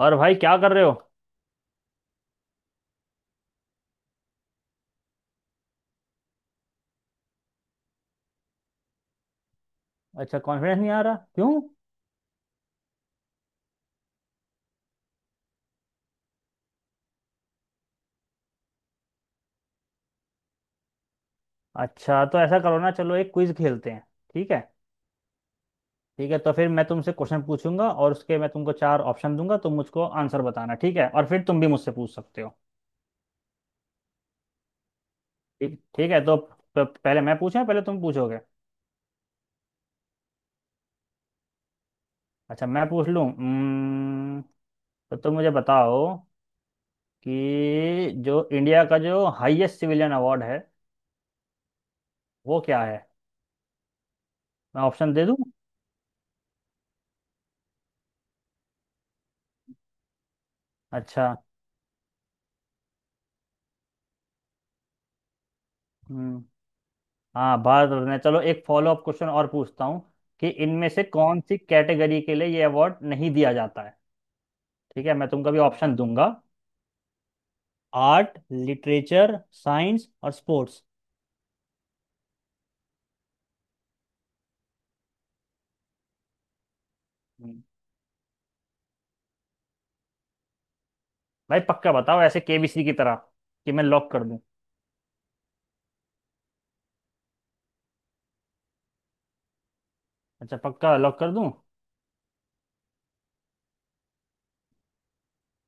और भाई क्या कर रहे हो? अच्छा, कॉन्फिडेंस नहीं आ रहा, क्यों? अच्छा तो ऐसा करो ना, चलो एक क्विज खेलते हैं। ठीक है। ठीक है तो फिर मैं तुमसे क्वेश्चन पूछूंगा और उसके मैं तुमको चार ऑप्शन दूंगा, तुम मुझको आंसर बताना, ठीक है? और फिर तुम भी मुझसे पूछ सकते हो। ठीक, ठीक है तो पहले मैं पूछूं या पहले तुम पूछोगे? अच्छा, मैं पूछ लूं। तो तुम मुझे बताओ कि जो इंडिया का जो हाईएस्ट सिविलियन अवार्ड है, वो क्या है? मैं ऑप्शन दे दूं? अच्छा। हम्म। हाँ, भारत रत्न है। चलो एक फॉलो अप क्वेश्चन और पूछता हूँ कि इनमें से कौन सी कैटेगरी के लिए ये अवार्ड नहीं दिया जाता है? ठीक है, मैं तुमको भी ऑप्शन दूंगा। आर्ट, लिटरेचर, साइंस और स्पोर्ट्स। भाई पक्का बताओ, ऐसे केबीसी की तरह, कि मैं लॉक कर दूं? अच्छा, पक्का लॉक कर दूं?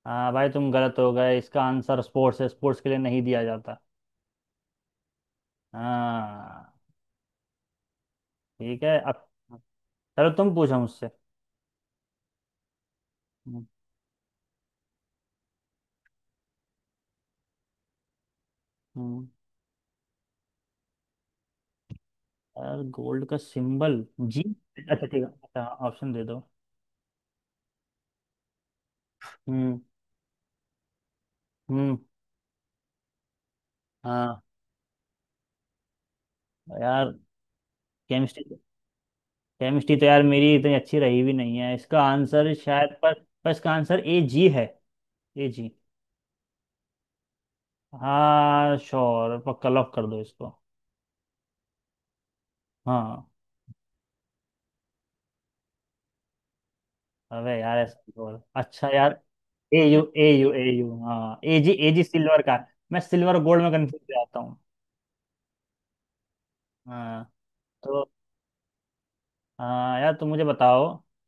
हाँ भाई, तुम गलत हो गए। इसका आंसर स्पोर्ट्स है, स्पोर्ट्स के लिए नहीं दिया जाता। हाँ। ठीक है अब, चलो तुम पूछो मुझसे। हम्म, हम्म, यार गोल्ड का सिंबल जी। अच्छा ठीक है, अच्छा ऑप्शन दे दो। हम्म। हम्म। हाँ यार, केमिस्ट्री, केमिस्ट्री तो यार मेरी इतनी अच्छी रही भी नहीं है। इसका आंसर शायद पर इसका आंसर ए जी है। A G. हाँ श्योर, पक्का लॉक कर दो इसको। हाँ। अबे यार, ऐसा, और अच्छा यार। A U, A U, A U. हाँ, A G, A G silver का। मैं सिल्वर और गोल्ड में कंफ्यूज हो जाता हूँ। हाँ तो हाँ यार, तुम मुझे बताओ कि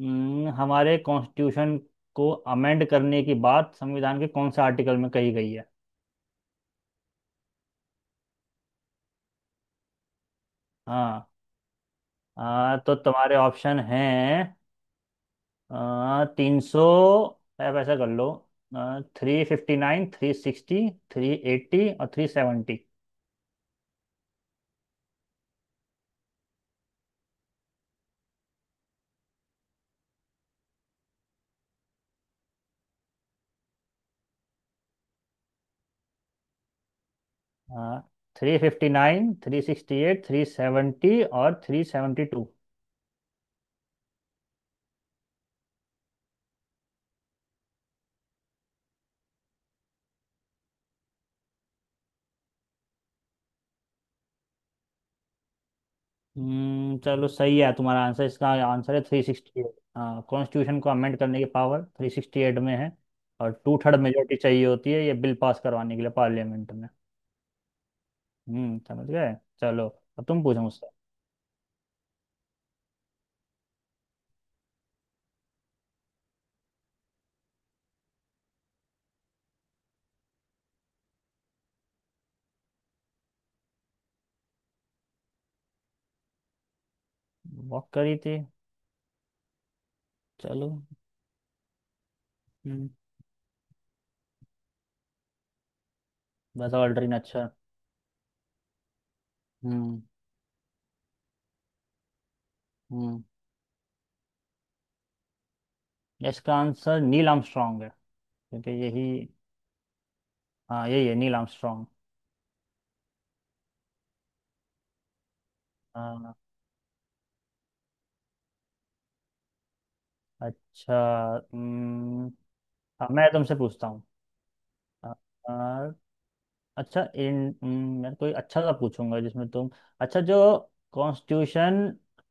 हमारे कॉन्स्टिट्यूशन को अमेंड करने की बात संविधान के कौन से आर्टिकल में कही गई है? हाँ, तो तुम्हारे ऑप्शन हैं 300, आप ऐसा कर लो, 359, 360, 380 और 370। हाँ, 359, 368, 370 और 372। हम्म, चलो सही है तुम्हारा आंसर। इसका आंसर है 368। हाँ, कॉन्स्टिट्यूशन को अमेंड करने की पावर 368 में है। और 2/3 मेजोरिटी चाहिए होती है ये बिल पास करवाने के लिए पार्लियामेंट में। हम्म, समझ गए। चलो अब तुम पूछो मुझसे। वॉक करी थी। चलो। हम्म। बस ऑल्ड्रिन, अच्छा। हम्म। हम्म। इसका आंसर नील आर्मस्ट्रॉन्ग है, क्योंकि यही, हाँ, यही है, नील आर्मस्ट्रॉन्ग। हाँ। अच्छा। हम्म। अब मैं तुमसे पूछता हूँ। अ, अ, अच्छा इन, मैं कोई अच्छा सा पूछूंगा जिसमें तुम। अच्छा, जो कॉन्स्टिट्यूशन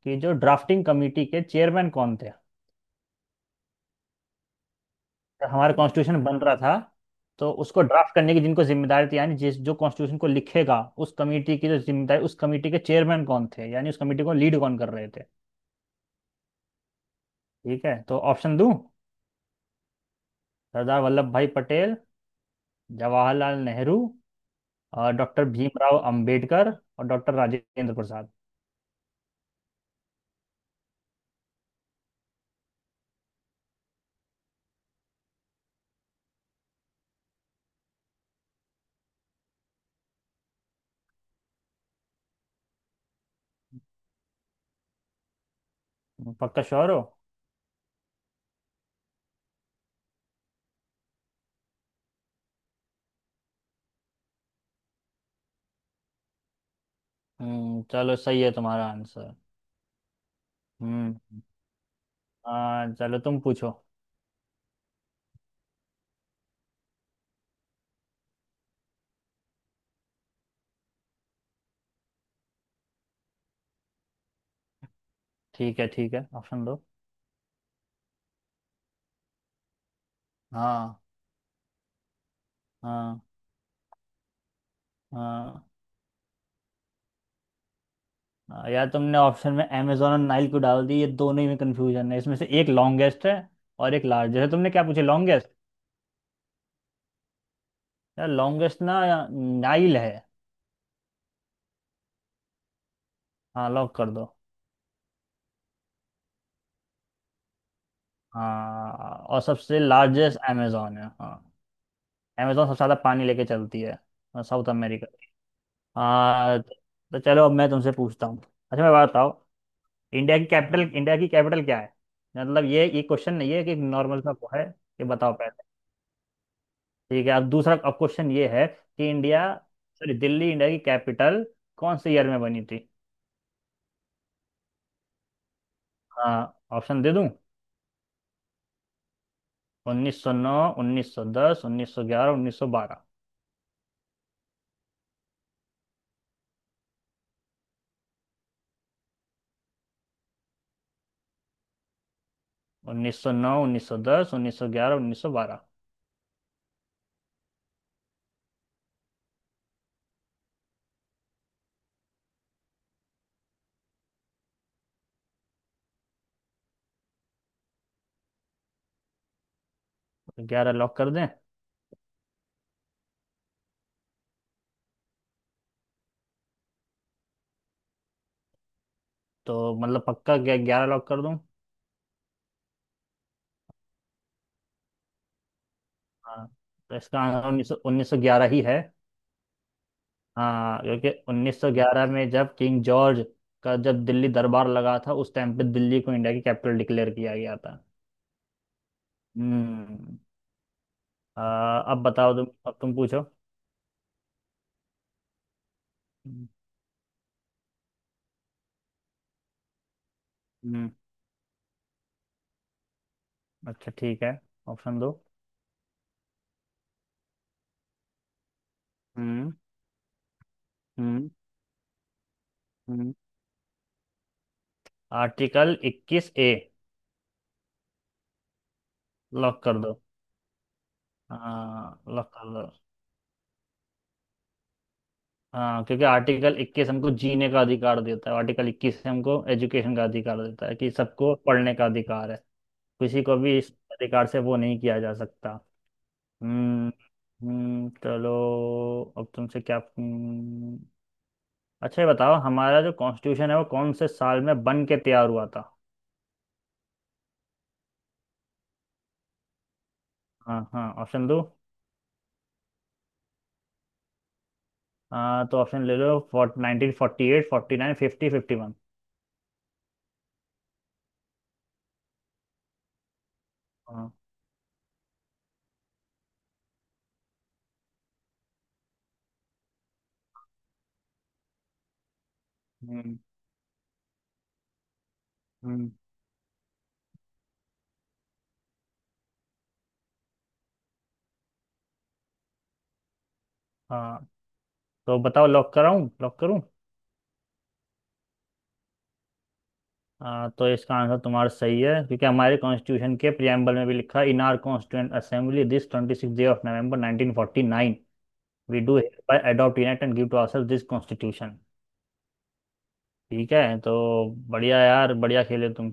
की जो ड्राफ्टिंग कमेटी के चेयरमैन कौन थे? हमारा कॉन्स्टिट्यूशन बन रहा था तो उसको ड्राफ्ट करने की जिनको जिम्मेदारी थी, यानी जिस जो कॉन्स्टिट्यूशन को लिखेगा, उस कमेटी की जो जिम्मेदारी, उस कमेटी के चेयरमैन कौन थे, यानी उस कमेटी को लीड कौन कर रहे थे? ठीक है, तो ऑप्शन दूं। सरदार वल्लभ भाई पटेल, जवाहरलाल नेहरू और डॉक्टर भीमराव अंबेडकर और डॉक्टर राजेंद्र प्रसाद। पक्का श्योर हो? हम्म, चलो सही है तुम्हारा आंसर। हम्म। हाँ चलो, तुम पूछो। ठीक है। ठीक है, ऑप्शन दो। हाँ। हाँ। हाँ। हाँ, यार तुमने ऑप्शन में अमेजोन और नाइल को डाल दी, ये दोनों ही में कंफ्यूजन है। इसमें से एक लॉन्गेस्ट है और एक लार्जेस्ट है, तुमने क्या पूछे, लॉन्गेस्ट? यार, लॉन्गेस्ट ना, नाइल है। हाँ, लॉक कर दो। हाँ, और सबसे लार्जेस्ट अमेजोन है। हाँ। अमेजोन सबसे ज़्यादा पानी लेके चलती है। South America. हाँ तो, चलो अब मैं तुमसे पूछता हूँ। अच्छा, मैं बात बताओ। इंडिया की कैपिटल, इंडिया की कैपिटल क्या है? मतलब ये क्वेश्चन नहीं है कि, नॉर्मल सा है। ये बताओ। ठीक है, अब दूसरा, अब क्वेश्चन ये है कि इंडिया, सॉरी, दिल्ली इंडिया की कैपिटल कौन से ईयर में बनी थी? हाँ, ऑप्शन दे दूं। 1909, 1910, 1911, 1912। 1909, 1910, 1911, 1912, ग्यारह, उन्नीस सौ बारह। उन्नीस सौ नौ, उन्नीस सौ दस, उन्नीस सौ ग्यारह, उन्नीस सौ बारह। तो ग्यारह लॉक कर दें? तो मतलब पक्का ग्यारह लॉक कर दूं? हाँ। तो इसका आंसर उन्नीस सौ ग्यारह ही है। हाँ, क्योंकि 1911 में जब किंग जॉर्ज का, जब दिल्ली दरबार लगा था, उस टाइम पे दिल्ली को इंडिया की कैपिटल डिक्लेयर किया गया था। हम्म। अ, अब बताओ तुम, अब तुम पूछो। हम्म। हम्म। अच्छा ठीक है, ऑप्शन दो। हम्म। हम्म, हम्म। आर्टिकल इक्कीस ए। लॉक कर दो। हाँ, लॉक कर दो। हाँ, क्योंकि आर्टिकल 21 हमको जीने का अधिकार देता है, आर्टिकल 21 हमको एजुकेशन का अधिकार देता है कि सबको पढ़ने का अधिकार है। किसी को भी इस अधिकार से वो नहीं किया जा सकता। हम्म। हम्म, चलो अब तुमसे क्या, अच्छा ये बताओ, हमारा जो कॉन्स्टिट्यूशन है वो कौन से साल में बन के तैयार हुआ था? हाँ हाँ, ऑप्शन दो। तो ऑप्शन ले लो, फोर्ट 1948, 49, 50, 51। हाँ। हम्म। हम्म, हाँ तो बताओ, लॉक कराऊं, लॉक करूं? तो इसका आंसर तुम्हारा सही है, क्योंकि हमारे कॉन्स्टिट्यूशन के प्रियम्बल में भी लिखा, "in our constituent assembly this 26 day of November 1949 we do by adopt unite and give to ourselves this constitution". ठीक है तो, बढ़िया यार, बढ़िया खेले तुम।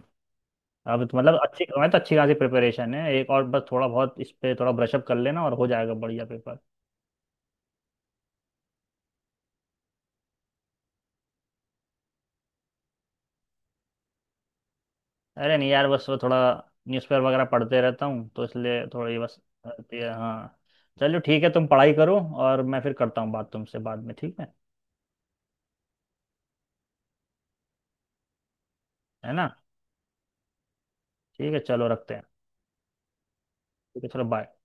अब तो मतलब अच्छी, मैं तो, अच्छी खासी प्रिपरेशन है, एक और बस थोड़ा बहुत इस पे थोड़ा ब्रशअप कर लेना और हो जाएगा बढ़िया पेपर। अरे नहीं यार, बस वो थोड़ा न्यूज़पेपर वगैरह पढ़ते रहता हूँ तो इसलिए थोड़ी बस रहती है। हाँ। चलो ठीक है, तुम पढ़ाई करो और मैं फिर करता हूँ बात तुमसे बाद में, ठीक है? है ना। ठीक है, चलो रखते हैं। ठीक है, चलो, बाय।